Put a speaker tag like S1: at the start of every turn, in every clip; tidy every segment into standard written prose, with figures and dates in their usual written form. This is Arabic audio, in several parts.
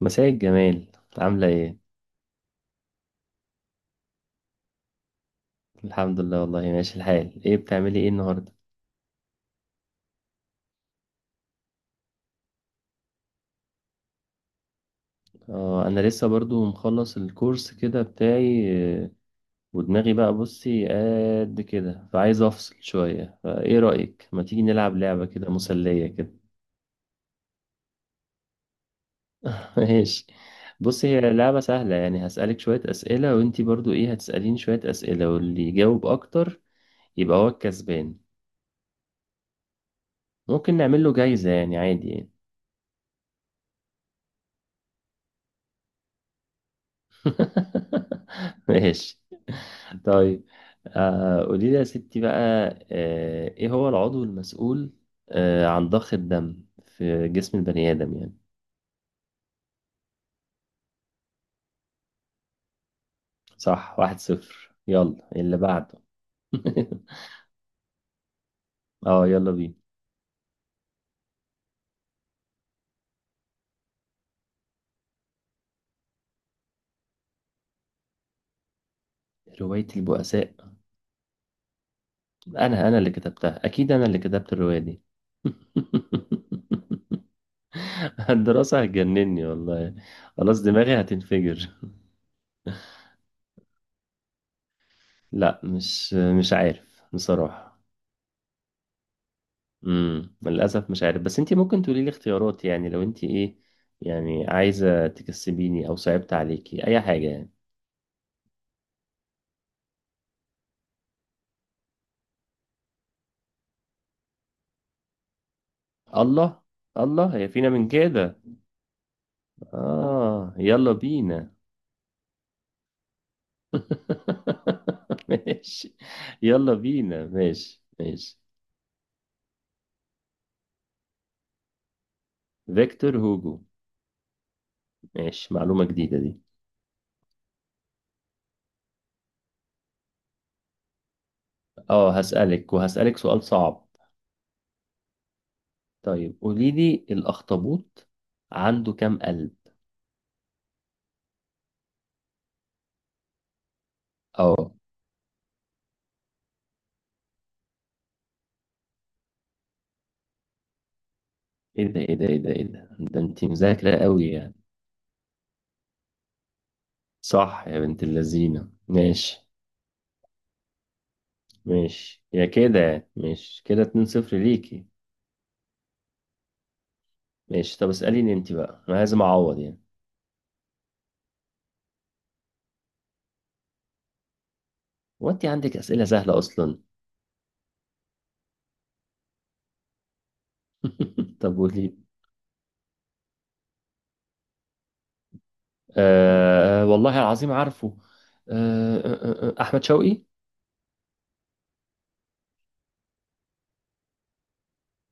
S1: مساء الجمال، عاملة ايه؟ الحمد لله والله ماشي الحال، ايه بتعملي ايه النهاردة؟ اه انا لسه برضو مخلص الكورس كده بتاعي. آه، ودماغي بقى، بصي قد كده فعايز افصل شوية، فايه رأيك؟ ما تيجي نلعب لعبة كده مسلية كده. ماشي. بصي، هي لعبة سهلة، يعني هسألك شوية أسئلة وانتي برضو ايه هتسأليني شوية أسئلة، واللي يجاوب اكتر يبقى هو الكسبان. ممكن نعمل له جايزة يعني، عادي يعني. ماشي. طيب آه قولي لي يا ستي بقى، آه ايه هو العضو المسؤول آه عن ضخ الدم في جسم البني آدم يعني. صح، واحد صفر، يلا اللي بعده. اه يلا بينا. رواية البؤساء، انا اللي كتبتها، اكيد انا اللي كتبت الرواية دي. الدراسة هتجنني والله، خلاص دماغي هتنفجر. لا مش عارف بصراحة. للاسف مش عارف، بس انت ممكن تقولي لي اختيارات، يعني لو انت ايه يعني عايزه تكسبيني او صعبت عليكي اي حاجه يعني. الله، الله هي فينا من كده. اه يلا بينا. ماشي، يلا بينا، ماشي ماشي. فيكتور هوجو. ماشي، معلومه جديده دي. اه هسالك، وهسالك سؤال صعب. طيب قولي لي، الاخطبوط عنده كام قلب؟ اه، ايه ده ايه ده ايه ده ايه ده، ده انت مذاكره قوي. صح يا بنت اللذينة، ماشي. ماشي يا كده، يعني ماشي كده 2-0 ليكي. ماشي، طب اسأليني انت بقى، انا لازم اعوض يعني. هو انت عندك اسئلة سهلة اصلا؟ طب قولي. آه والله العظيم عارفه. احمد شوقي.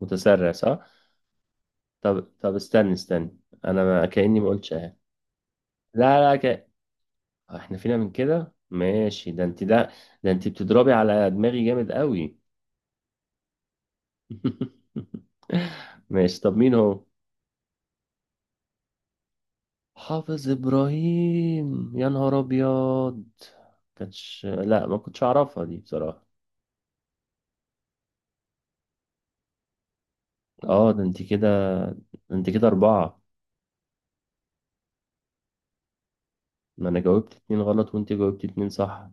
S1: متسرع؟ صح. طب طب، استني، انا ما كأني ما قلتش اهي. لا لا ك... احنا فينا من كده، ماشي، ده انت ده، انت بتضربي على دماغي جامد قوي. ماشي، طب مين هو؟ حافظ ابراهيم، يا نهار ابيض. كانتش، لا ما كنتش اعرفها دي بصراحه. اه ده انت كده، ده انت اربعه. ما انا جاوبت اتنين غلط وانت جاوبت اتنين صح.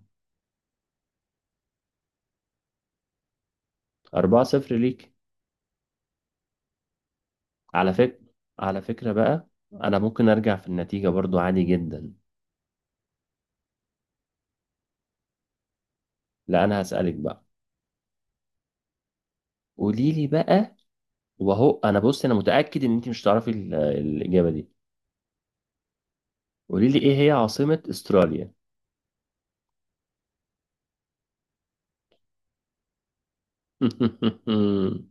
S1: اربعه صفر ليك. على فكره، على فكره بقى، انا ممكن ارجع في النتيجه برضو عادي جدا. لا انا هسالك بقى. قولي لي بقى، وهو انا، بص، انا متاكد ان انت مش تعرفي الاجابه دي. قولي لي ايه هي عاصمه استراليا؟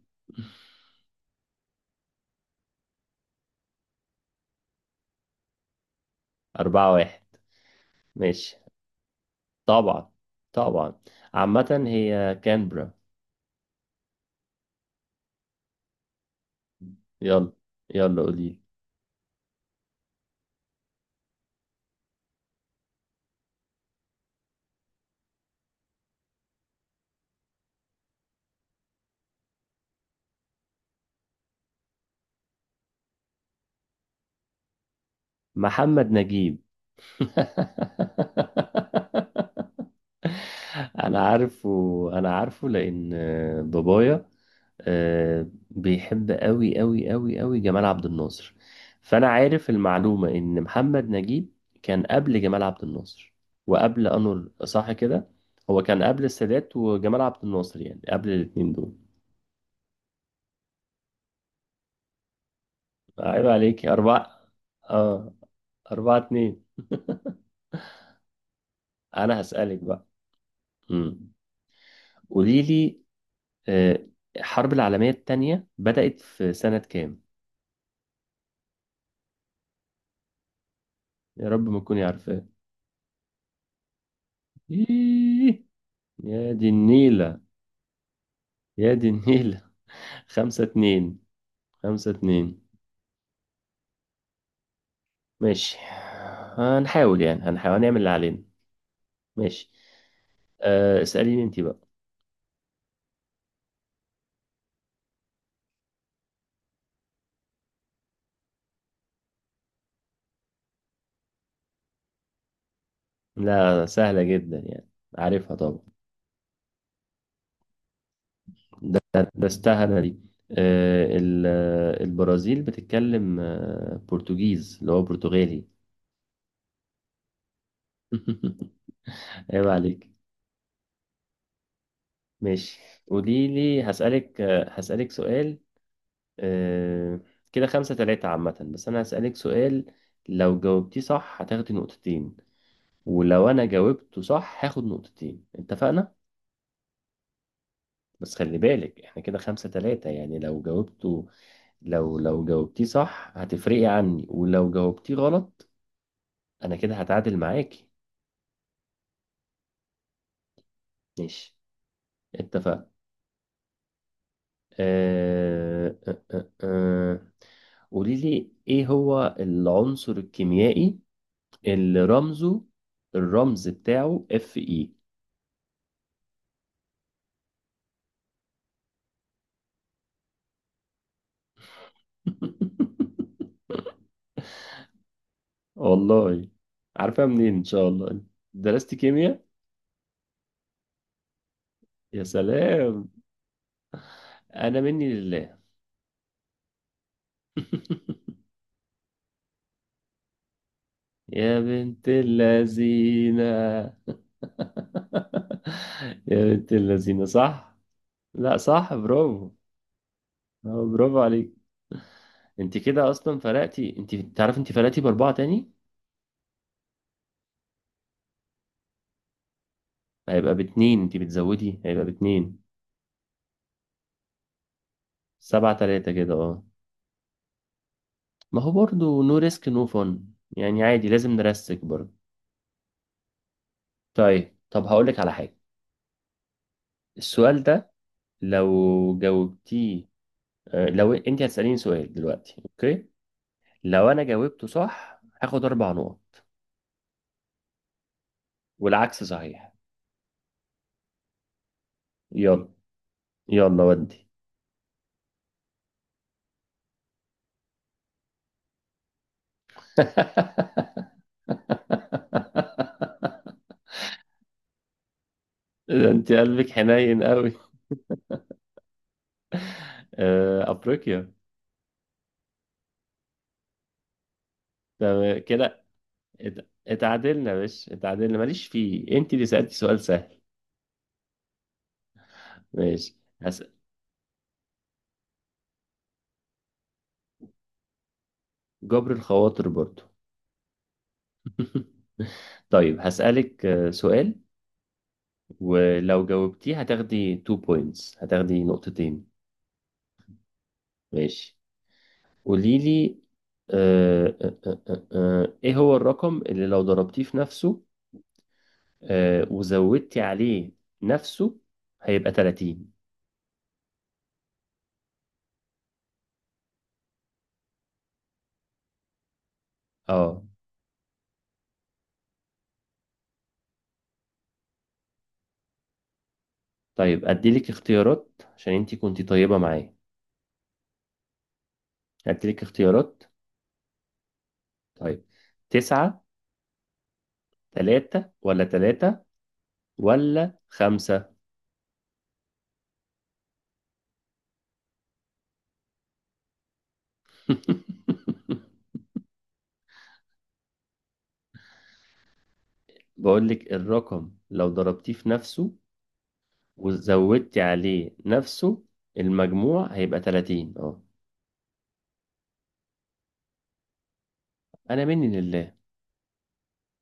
S1: اربعه واحد. ماشي، طبعا طبعا. عامة هي كانبرا. يلا، يلا قولي. محمد نجيب. انا عارفه، انا عارفه لان بابايا بيحب قوي قوي قوي قوي جمال عبد الناصر، فانا عارف المعلومة ان محمد نجيب كان قبل جمال عبد الناصر وقبل انور، صح كده؟ هو كان قبل السادات وجمال عبد الناصر، يعني قبل الاتنين دول. عيب عليك، أربعة. اه، أربعة اتنين. أنا هسألك بقى. امم قولي لي، آه، الحرب العالمية التانية بدأت في سنة كام؟ يا رب ما تكوني عارفة. إيه، يا دي النيلة، يا دي النيلة. خمسة اتنين، خمسة اتنين. ماشي، هنحاول يعني، هنحاول نعمل اللي علينا. ماشي. اسأليني انت بقى. لا سهلة جدا يعني، عارفها طبعا، درستها دي. البرازيل بتتكلم برتغيز، اللي هو برتغالي. عيب عليك. ماشي. قولي لي، هسألك هسألك سؤال. آه، كده خمسة تلاتة عامة، بس أنا هسألك سؤال، لو جاوبتيه صح هتاخدي نقطتين، ولو أنا جاوبته صح هاخد نقطتين، اتفقنا؟ بس خلي بالك احنا كده خمسة تلاتة، يعني لو جاوبته، لو جاوبتيه صح هتفرقي عني، ولو جاوبتيه غلط أنا كده هتعادل معاكي. ماشي، اتفقنا. آه، آه، آه، آه. قولي لي ايه هو العنصر الكيميائي اللي رمزه، الرمز بتاعه، اف اي. والله، عارفها منين ان شاء الله؟ درست كيمياء؟ يا سلام، انا مني لله. يا بنت اللذينة، يا بنت اللذينة، صح، لا صح، برافو. برافو عليك. انت كده اصلا فرقتي، انت تعرف انت فرقتي باربعة تاني. هيبقى باتنين، انتي بتزودي، هيبقى باتنين. سبعة تلاتة كده، اه. ما هو برضو نو ريسك نو فن، يعني عادي، لازم نرسك برضو. طيب، طب هقولك على حاجة. السؤال ده، لو جاوبتيه، لو انتي هتسأليني سؤال دلوقتي، اوكي، لو انا جاوبته صح هاخد اربع نقط، والعكس صحيح. يلا، يلا ودي. ده انت قلبك حنين قوي. افريقيا. تمام كده. اتعادلنا؟ مش اتعادلنا، ماليش فيه، انت اللي سألتي سؤال سهل. ماشي. هس... جبر الخواطر برضو. طيب هسألك سؤال، ولو جاوبتيه هتاخدي 2 بوينتس، هتاخدي نقطتين. ماشي. قولي لي، ايه هو الرقم اللي لو ضربتيه في نفسه وزودتي عليه نفسه هيبقى 30، اه؟ طيب اديلك اختيارات عشان انت كنتي طيبة معايا، هديلك اختيارات. طيب، تسعة، تلاتة، ولا تلاتة ولا خمسة. بقول لك، الرقم لو ضربتيه في نفسه وزودتي عليه نفسه المجموع هيبقى 30، اه. انا مني لله.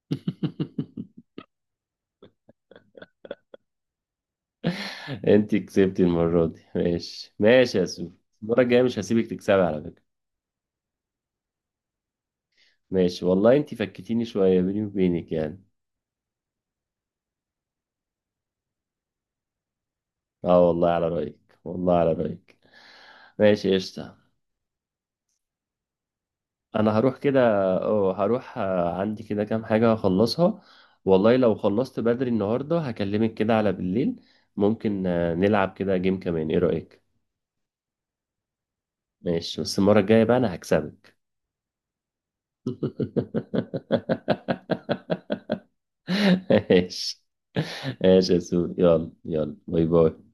S1: انت كسبتي المرة دي، ماشي ماشي يا سو، المرة الجاية مش هسيبك تكسبي على فكرة. ماشي، والله انت فكتيني شوية، بيني وبينك يعني. اه والله على رأيك، والله على رأيك. ماشي، قشطة. انا هروح كده، اه هروح، عندي كده كام حاجة هخلصها، والله لو خلصت بدري النهاردة هكلمك كده على بالليل، ممكن نلعب كده جيم كمان، ايه رأيك؟ ماشي، بس المرة الجاية بقى انا هكسبك. ماشي، ماشي يا سو، يلا يلا، باي باي.